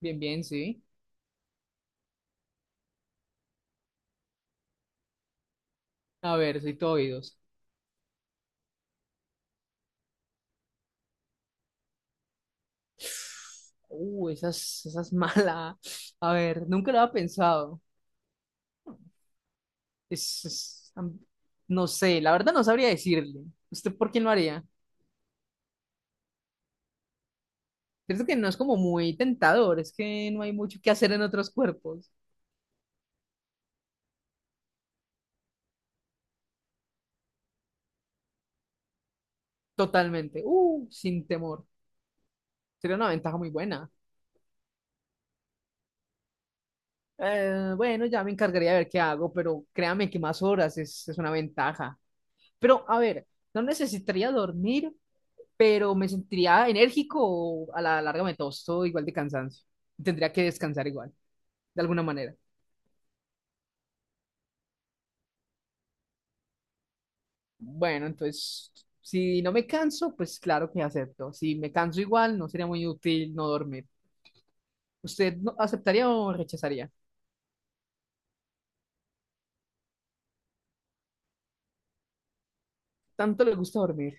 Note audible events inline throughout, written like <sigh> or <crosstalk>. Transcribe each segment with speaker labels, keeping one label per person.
Speaker 1: Bien, bien, sí. A ver, soy todo oídos. Esa es <laughs> mala. A ver, nunca lo había pensado. Es, es- am- no sé, la verdad no sabría decirle. ¿Usted por quién lo haría? Creo que no es como muy tentador, es que no hay mucho que hacer en otros cuerpos. Totalmente. Sin temor. Sería una ventaja muy buena. Bueno, ya me encargaría de ver qué hago, pero créame que más horas es una ventaja. Pero, a ver, no necesitaría dormir pero me sentiría enérgico o a la larga me tosto igual de cansancio. Tendría que descansar igual, de alguna manera. Bueno, entonces, si no me canso, pues claro que acepto. Si me canso igual, no sería muy útil no dormir. ¿Usted aceptaría o rechazaría? Tanto le gusta dormir.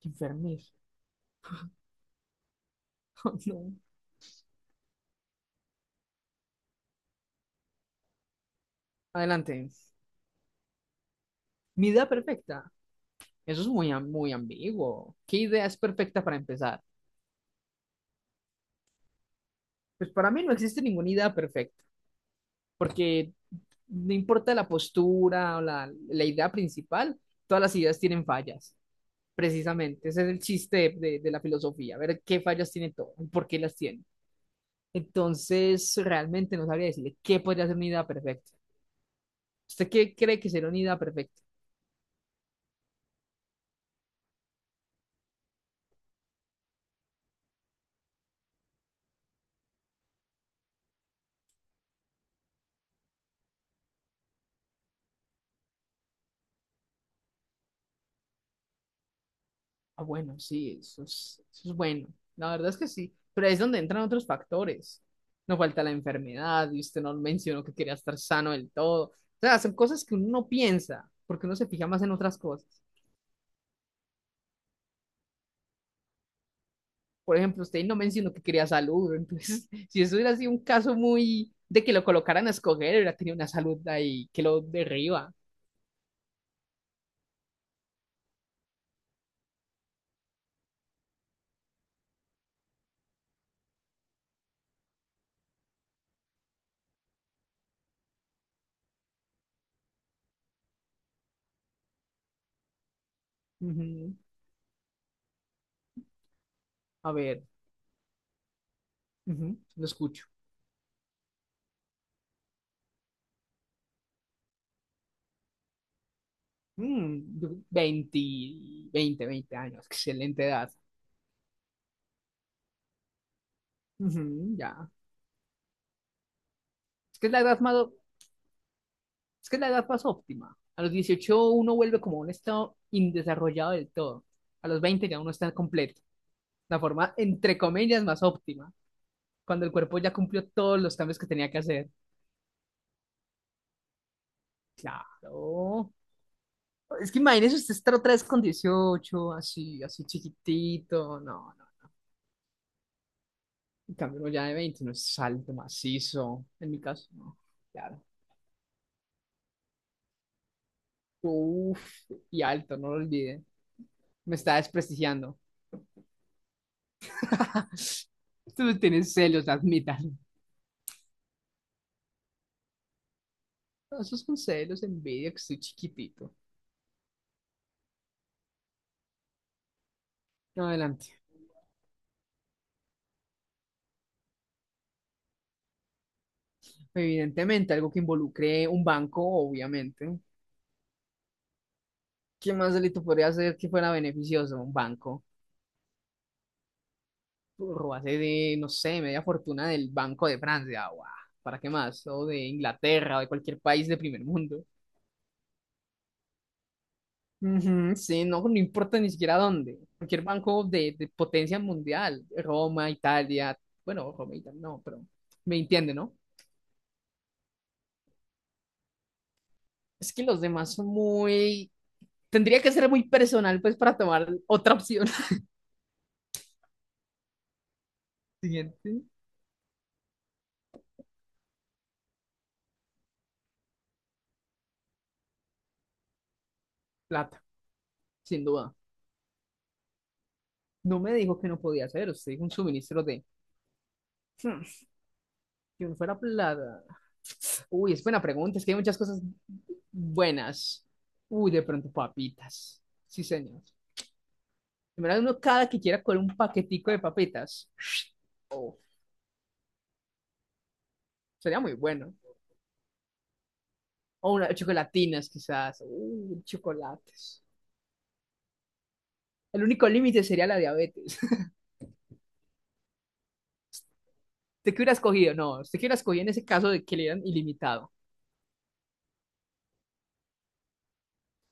Speaker 1: Qué enfermez. <laughs> No. Adelante. Mi idea perfecta. Eso es muy ambiguo. ¿Qué idea es perfecta para empezar? Pues para mí no existe ninguna idea perfecta, porque no importa la postura o la idea principal, todas las ideas tienen fallas, precisamente. Ese es el chiste de la filosofía, ver qué fallas tiene todo y por qué las tiene. Entonces, realmente no sabría decirle qué podría ser una idea perfecta. ¿Usted qué cree que sería una idea perfecta? Ah, bueno, sí, eso es bueno. La verdad es que sí, pero ahí es donde entran otros factores. No falta la enfermedad, y usted no mencionó que quería estar sano del todo. O sea, son cosas que uno no piensa, porque uno se fija más en otras cosas. Por ejemplo, usted no mencionó que quería salud, entonces, <laughs> si eso hubiera sido un caso muy de que lo colocaran a escoger, hubiera tenido una salud ahí que lo derriba. Ujú. A ver, ujú, lo escucho. Mm, yo- veinte 20, 20 años, excelente edad. Ujú, ya. Es que es la edad más, es que es la edad más óptima. A los 18 uno vuelve como un estado indesarrollado del todo. A los 20 ya uno está completo. La forma, entre comillas, más óptima, cuando el cuerpo ya cumplió todos los cambios que tenía que hacer. Claro. Es que imagínese usted estar otra vez con 18 así, así chiquitito. No, no. En cambio, uno ya de 20 no es alto, macizo. En mi caso, no. Claro. Uf, y alto, no lo olvide. Me está desprestigiando. <laughs> Ustedes tienen celos, admitan. No, esos son celos, envidia, que estoy chiquitito. Adelante. Evidentemente, algo que involucre un banco, obviamente. ¿Qué más delito podría hacer que fuera beneficioso? Un banco. Robase de, no sé, media fortuna del Banco de Francia. Guau, ¿para qué más? O de Inglaterra o de cualquier país de primer mundo. Ujú, sí, no, no importa ni siquiera dónde. Cualquier banco de potencia mundial. Roma, Italia. Bueno, Roma, Italia, no, pero me entiende, ¿no? Es que los demás son muy... Tendría que ser muy personal, pues, para tomar otra opción. <laughs> Siguiente. Plata, sin duda. No me dijo que no podía hacer. Usted dijo un suministro de... Hmm, Si uno fuera plata. Uy, es buena pregunta, es que hay muchas cosas buenas. Uy, de pronto papitas. Sí, señor. Primero uno cada que quiera con un paquetico de papitas. Sería muy bueno. O una chocolatinas, quizás. Uy, chocolates. El único límite sería la diabetes. <laughs> ¿Usted qué hubiera escogido? No, usted qué hubiera escogido en ese caso de que le dieran ilimitado.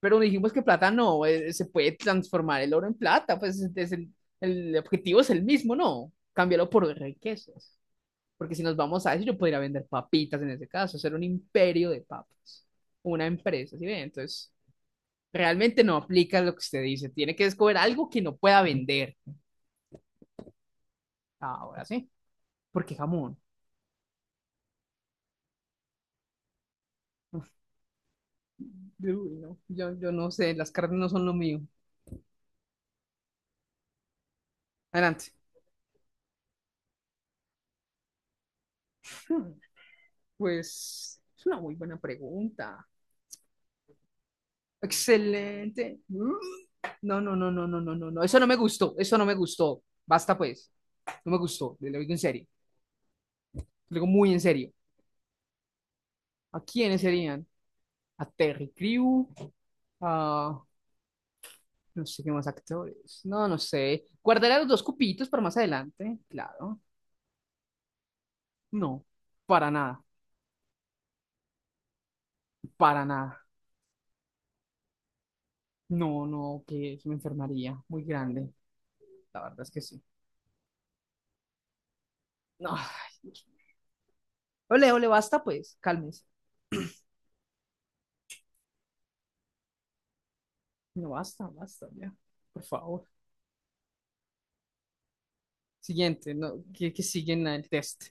Speaker 1: Pero dijimos que plata no, se puede transformar el oro en plata, pues es el objetivo es el mismo, ¿no? Cámbialo por riquezas. Porque si nos vamos a eso, yo podría vender papitas en ese caso, hacer un imperio de papas, una empresa, ¿sí ve? Entonces, realmente no aplica lo que usted dice, tiene que descubrir algo que no pueda vender. Ahora sí, porque jamón. Uy, no, yo no sé, las carnes no son lo mío. Adelante. <laughs> Hmm, Pues es una muy buena pregunta. Excelente. Mm. No, no, no, no, no, no, no, no. Eso no me gustó, eso no me gustó. Basta pues, no me gustó, le lo digo en serio, le digo muy en serio. ¿A quiénes serían? A Terry Crew, a no sé qué más actores. No, no sé. Guardaré a los dos cupitos para más adelante, claro. No, para nada, para nada. No, no, que me enfermaría muy grande. La verdad es que sí. No, ay, Dios mío. Ole, ole, basta pues, cálmese. No, basta, basta, ya. Por favor. Siguiente, no, que siguen el test.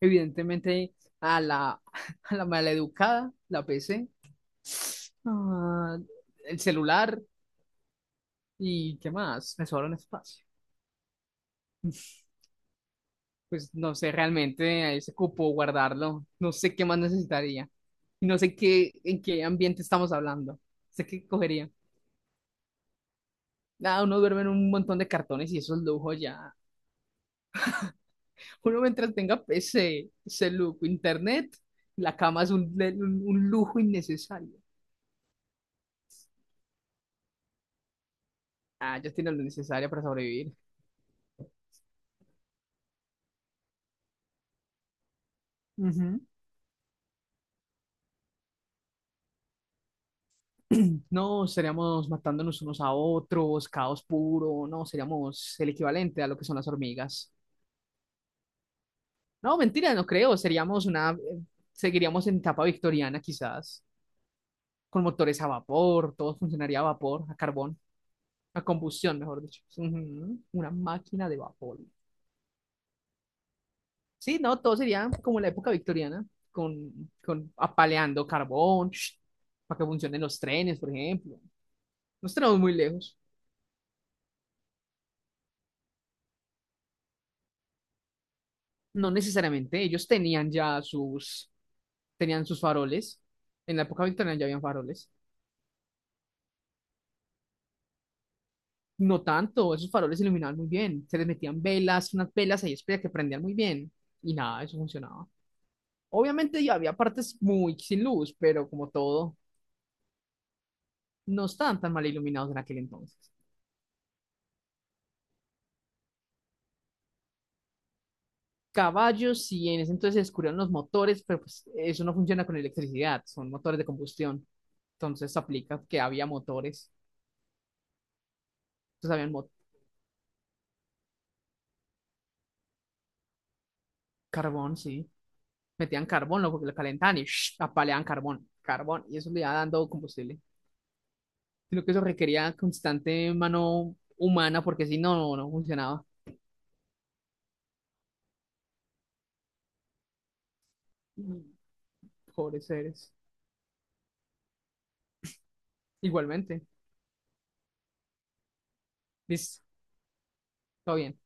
Speaker 1: Evidentemente, a la, <laughs> a la maleducada, la PC, ah, el celular. ¿Y qué más? Me sobra un espacio. <laughs> Pues no sé realmente a ese cupo guardarlo. No sé qué más necesitaría. Y no sé qué, en qué ambiente estamos hablando. Sé qué cogería. Nada, uno duerme en un montón de cartones y eso es lujo ya. Uno mientras tenga ese lujo, internet, la cama es un lujo innecesario. Ah, ya tiene lo necesario para sobrevivir. Ujú. <clears throat> No, seríamos matándonos unos a otros, caos puro, no, seríamos el equivalente a lo que son las hormigas. No, mentira, no creo. Seríamos seguiríamos en etapa victoriana quizás, con motores a vapor, todo funcionaría a vapor, a carbón, a combustión, mejor dicho. Ujú, una máquina de vapor. Sí, no, todo sería como la época victoriana, con apaleando carbón, sh, para que funcionen los trenes, por ejemplo. No tenemos muy lejos. No necesariamente, ellos tenían sus faroles. En la época victoriana ya habían faroles. No tanto, esos faroles se iluminaban muy bien. Se les metían velas, unas velas ahí espera que prendían muy bien. Y nada, eso funcionaba. Obviamente ya había partes muy sin luz, pero como todo, no estaban tan mal iluminados en aquel entonces. Caballos, sí, en ese entonces se descubrieron los motores, pero pues eso no funciona con electricidad, son motores de combustión. Entonces aplica que había motores. Entonces habían carbón, sí. Metían carbón, ¿no? Porque lo calentaban y <sniffs> ¡sh! Apaleaban carbón, carbón, y eso le iba dando combustible, sino que eso requería constante mano humana porque si no, no, no funcionaba. Pobres seres. Igualmente. Listo, todo bien.